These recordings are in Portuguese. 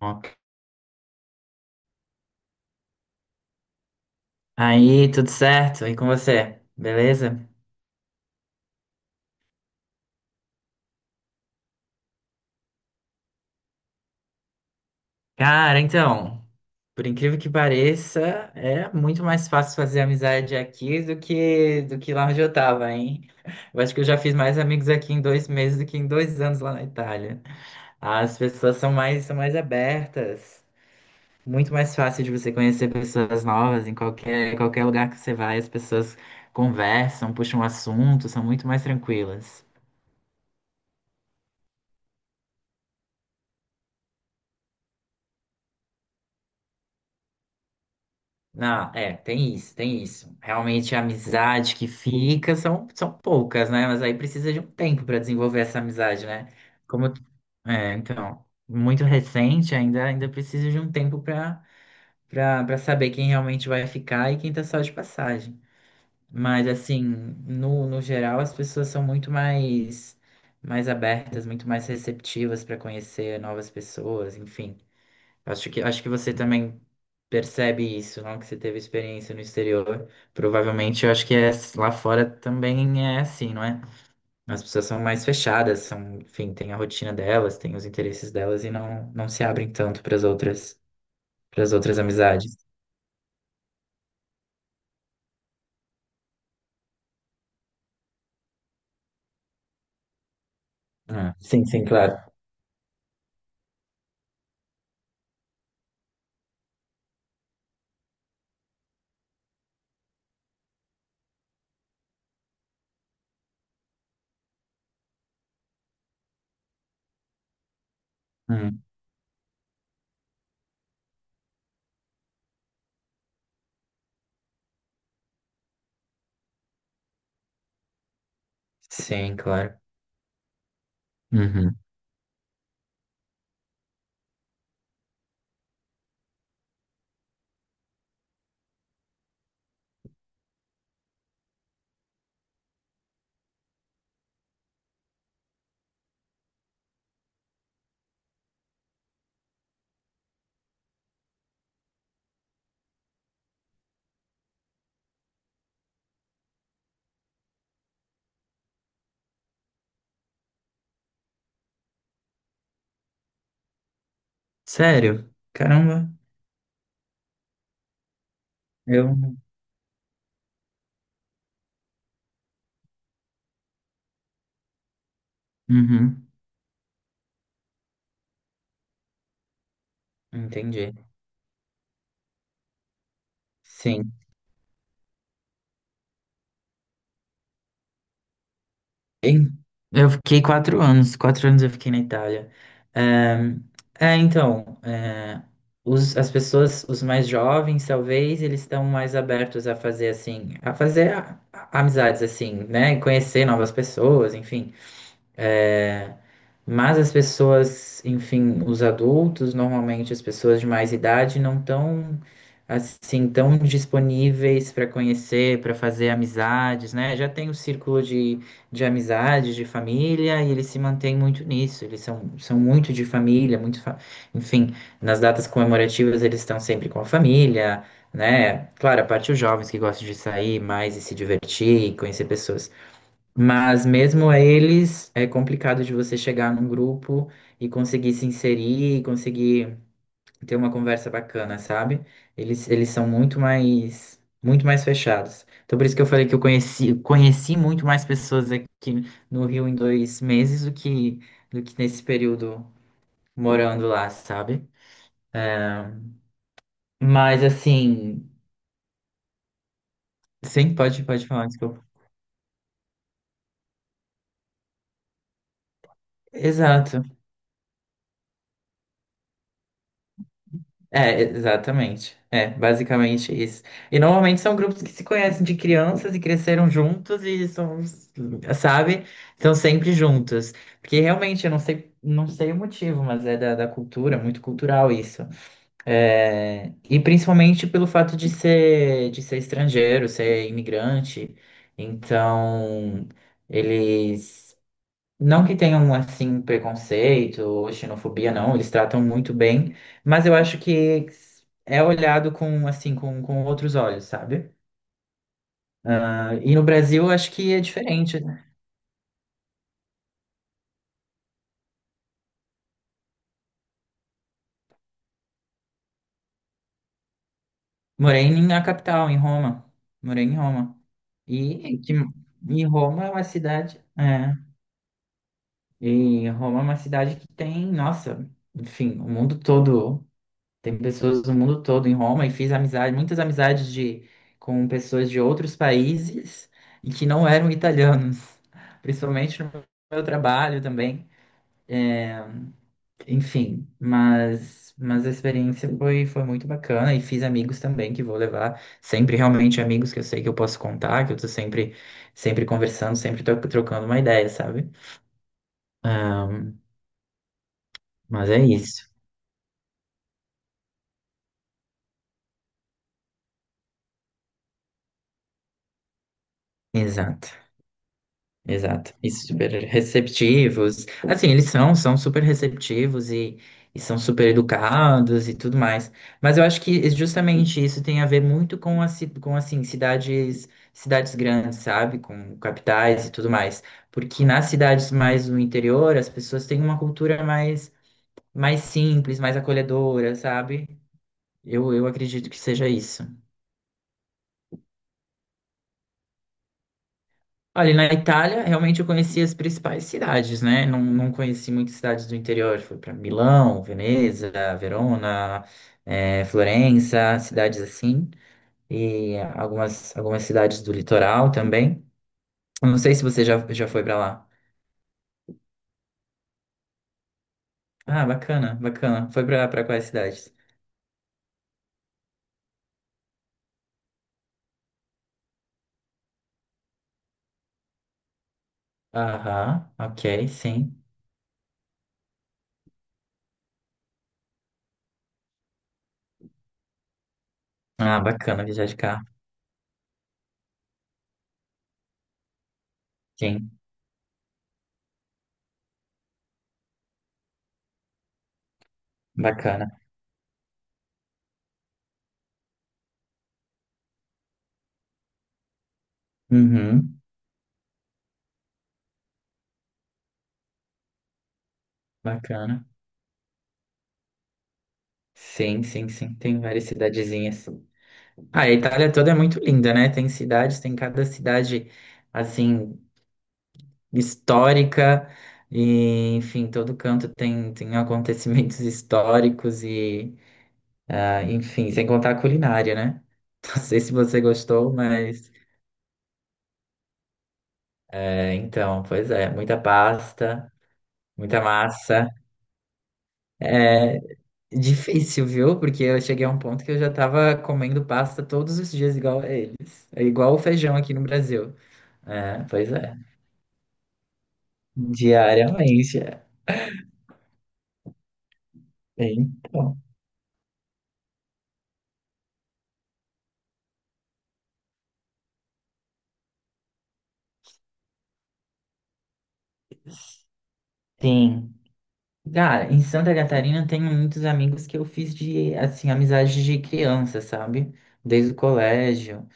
Ok. Aí, tudo certo? E com você? Beleza? Cara, então, por incrível que pareça, é muito mais fácil fazer amizade aqui do que lá onde eu tava, hein? Eu acho que eu já fiz mais amigos aqui em dois meses do que em dois anos lá na Itália. As pessoas são mais abertas. Muito mais fácil de você conhecer pessoas novas em qualquer lugar que você vai, as pessoas conversam, puxam assunto, são muito mais tranquilas. Não, é, tem isso, tem isso. Realmente a amizade que fica são poucas, né? Mas aí precisa de um tempo para desenvolver essa amizade, né? Como é, então, muito recente ainda, ainda precisa de um tempo para saber quem realmente vai ficar e quem tá só de passagem. Mas assim, no geral, as pessoas são muito mais abertas, muito mais receptivas para conhecer novas pessoas, enfim. Acho que você também percebe isso, não? Que você teve experiência no exterior. Provavelmente, eu acho que é, lá fora também é assim, não é? As pessoas são mais fechadas, são, enfim, têm a rotina delas, têm os interesses delas e não se abrem tanto para as outras amizades. Ah, sim, sim, claro. Hum, sim, claro. Uhum. Sério? Caramba, eu. Uhum. Entendi. Sim. Em- Eu fiquei quatro anos, eu fiquei na Itália. É, é, então, é, as pessoas, os mais jovens, talvez, eles estão mais abertos a fazer assim, a fazer amizades assim, né? E conhecer novas pessoas, enfim. É, mas as pessoas, enfim, os adultos, normalmente as pessoas de mais idade, não estão assim tão disponíveis para conhecer, para fazer amizades, né? Já tem o de amizades, de família, e eles se mantêm muito nisso. Eles são muito de família, muito, enfim, nas datas comemorativas eles estão sempre com a família, né? Claro, a parte os jovens que gostam de sair mais e se divertir e conhecer pessoas. Mas mesmo a eles, é complicado de você chegar num grupo e conseguir se inserir, e conseguir ter uma conversa bacana, sabe? Eles são muito mais fechados. Então por isso que eu falei que eu conheci muito mais pessoas aqui no Rio em dois meses do que nesse período morando lá, sabe? Mas assim, sim, pode falar, desculpa. Exato. É, exatamente. É, basicamente isso. E normalmente são grupos que se conhecem de crianças e cresceram juntos e são, sabe? Estão sempre juntos. Porque realmente, eu não sei, não sei o motivo, mas é da cultura, muito cultural isso. É, e principalmente pelo fato de ser estrangeiro, ser imigrante. Então, eles. Não que tenham, assim, preconceito ou xenofobia, não, eles tratam muito bem, mas eu acho que é olhado com, assim, com outros olhos, sabe? Ah, e no Brasil, eu acho que é diferente, né? Morei na capital, em Roma. Morei em Roma. E, que, e Roma é uma cidade. É, e Roma é uma cidade que tem, nossa, enfim, o mundo todo. Tem pessoas do mundo todo em Roma e fiz amizade, muitas amizades de, com pessoas de outros países e que não eram italianos, principalmente no meu trabalho também. Enfim, mas a experiência foi muito bacana e fiz amigos também que vou levar, sempre realmente amigos que eu sei que eu posso contar, que eu tô sempre, sempre conversando, sempre trocando uma ideia, sabe? Ahn, mas é isso. Exato. Exato. E super receptivos. Assim, eles são super receptivos e são super educados e tudo mais. Mas eu acho que é justamente isso tem a ver muito com, a, com assim, cidades, cidades grandes, sabe? Com capitais e tudo mais. Porque nas cidades mais no interior, as pessoas têm uma cultura mais, mais simples, mais acolhedora, sabe? Eu acredito que seja isso. Olha, na Itália, realmente eu conheci as principais cidades, né? Não conheci muitas cidades do interior. Fui para Milão, Veneza, Verona, Florença, cidades assim. E algumas cidades do litoral também. Eu não sei se você já foi para lá. Ah, bacana, bacana. Foi para quais cidades? Aham, ok, sim. Ah, bacana viajar de carro. Sim, bacana. Uhum, bacana. Sim, sim, sim. Tem várias cidadezinhas. Ah, a Itália toda é muito linda, né? Tem cidades, tem cada cidade, assim, histórica, e, enfim, todo canto tem, tem acontecimentos históricos e, ah, enfim, sem contar a culinária, né? Não sei se você gostou, mas, é, então, pois é, muita pasta, muita massa. Difícil, viu? Porque eu cheguei a um ponto que eu já tava comendo pasta todos os dias igual a eles. É igual o feijão aqui no Brasil. É, pois é. Diariamente, é. É, então, sim. Cara, em Santa Catarina eu tenho muitos amigos que eu fiz de, assim, amizade de criança, sabe? Desde o colégio.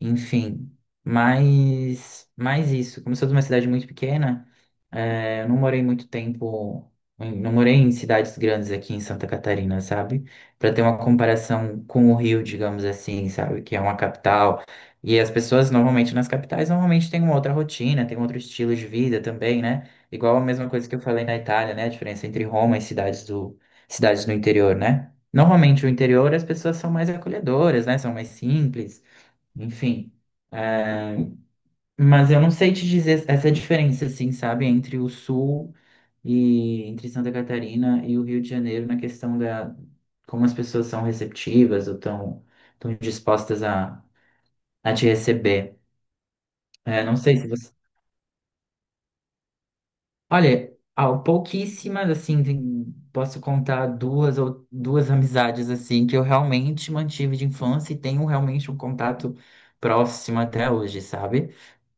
Enfim, mas isso. Como eu sou de uma cidade muito pequena, eu não morei muito tempo, não morei em cidades grandes aqui em Santa Catarina, sabe? Para ter uma comparação com o Rio, digamos assim, sabe? Que é uma capital. E as pessoas, normalmente, nas capitais, normalmente têm uma outra rotina, têm um outro estilo de vida também, né? Igual a mesma coisa que eu falei na Itália, né? A diferença entre Roma e cidades cidades do interior, né? Normalmente, o interior, as pessoas são mais acolhedoras, né? São mais simples enfim. É, mas eu não sei te dizer essa diferença, assim, sabe, entre o Sul e entre Santa Catarina e o Rio de Janeiro na questão da como as pessoas são receptivas ou estão tão dispostas a te receber. É, não sei se você. Olha, há pouquíssimas, assim, posso contar duas ou duas amizades assim que eu realmente mantive de infância e tenho realmente um contato próximo até hoje, sabe?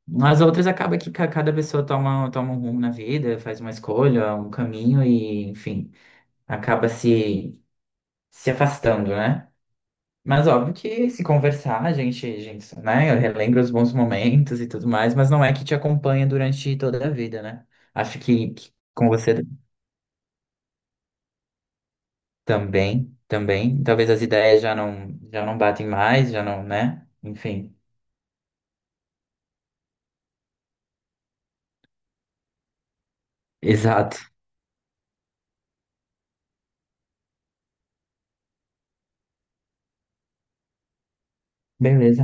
Nas outras acaba que cada pessoa toma um rumo na vida, faz uma escolha, um caminho e, enfim, acaba se, se afastando, né? Mas óbvio que se conversar, a gente, né, relembra os bons momentos e tudo mais, mas não é que te acompanha durante toda a vida, né? Acho que com você também, talvez as ideias já não batem mais, já não, né? Enfim, exato. Beleza.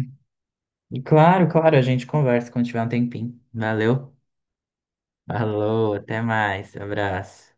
E claro, claro, a gente conversa quando tiver um tempinho. Valeu. Falou, até mais, abraço.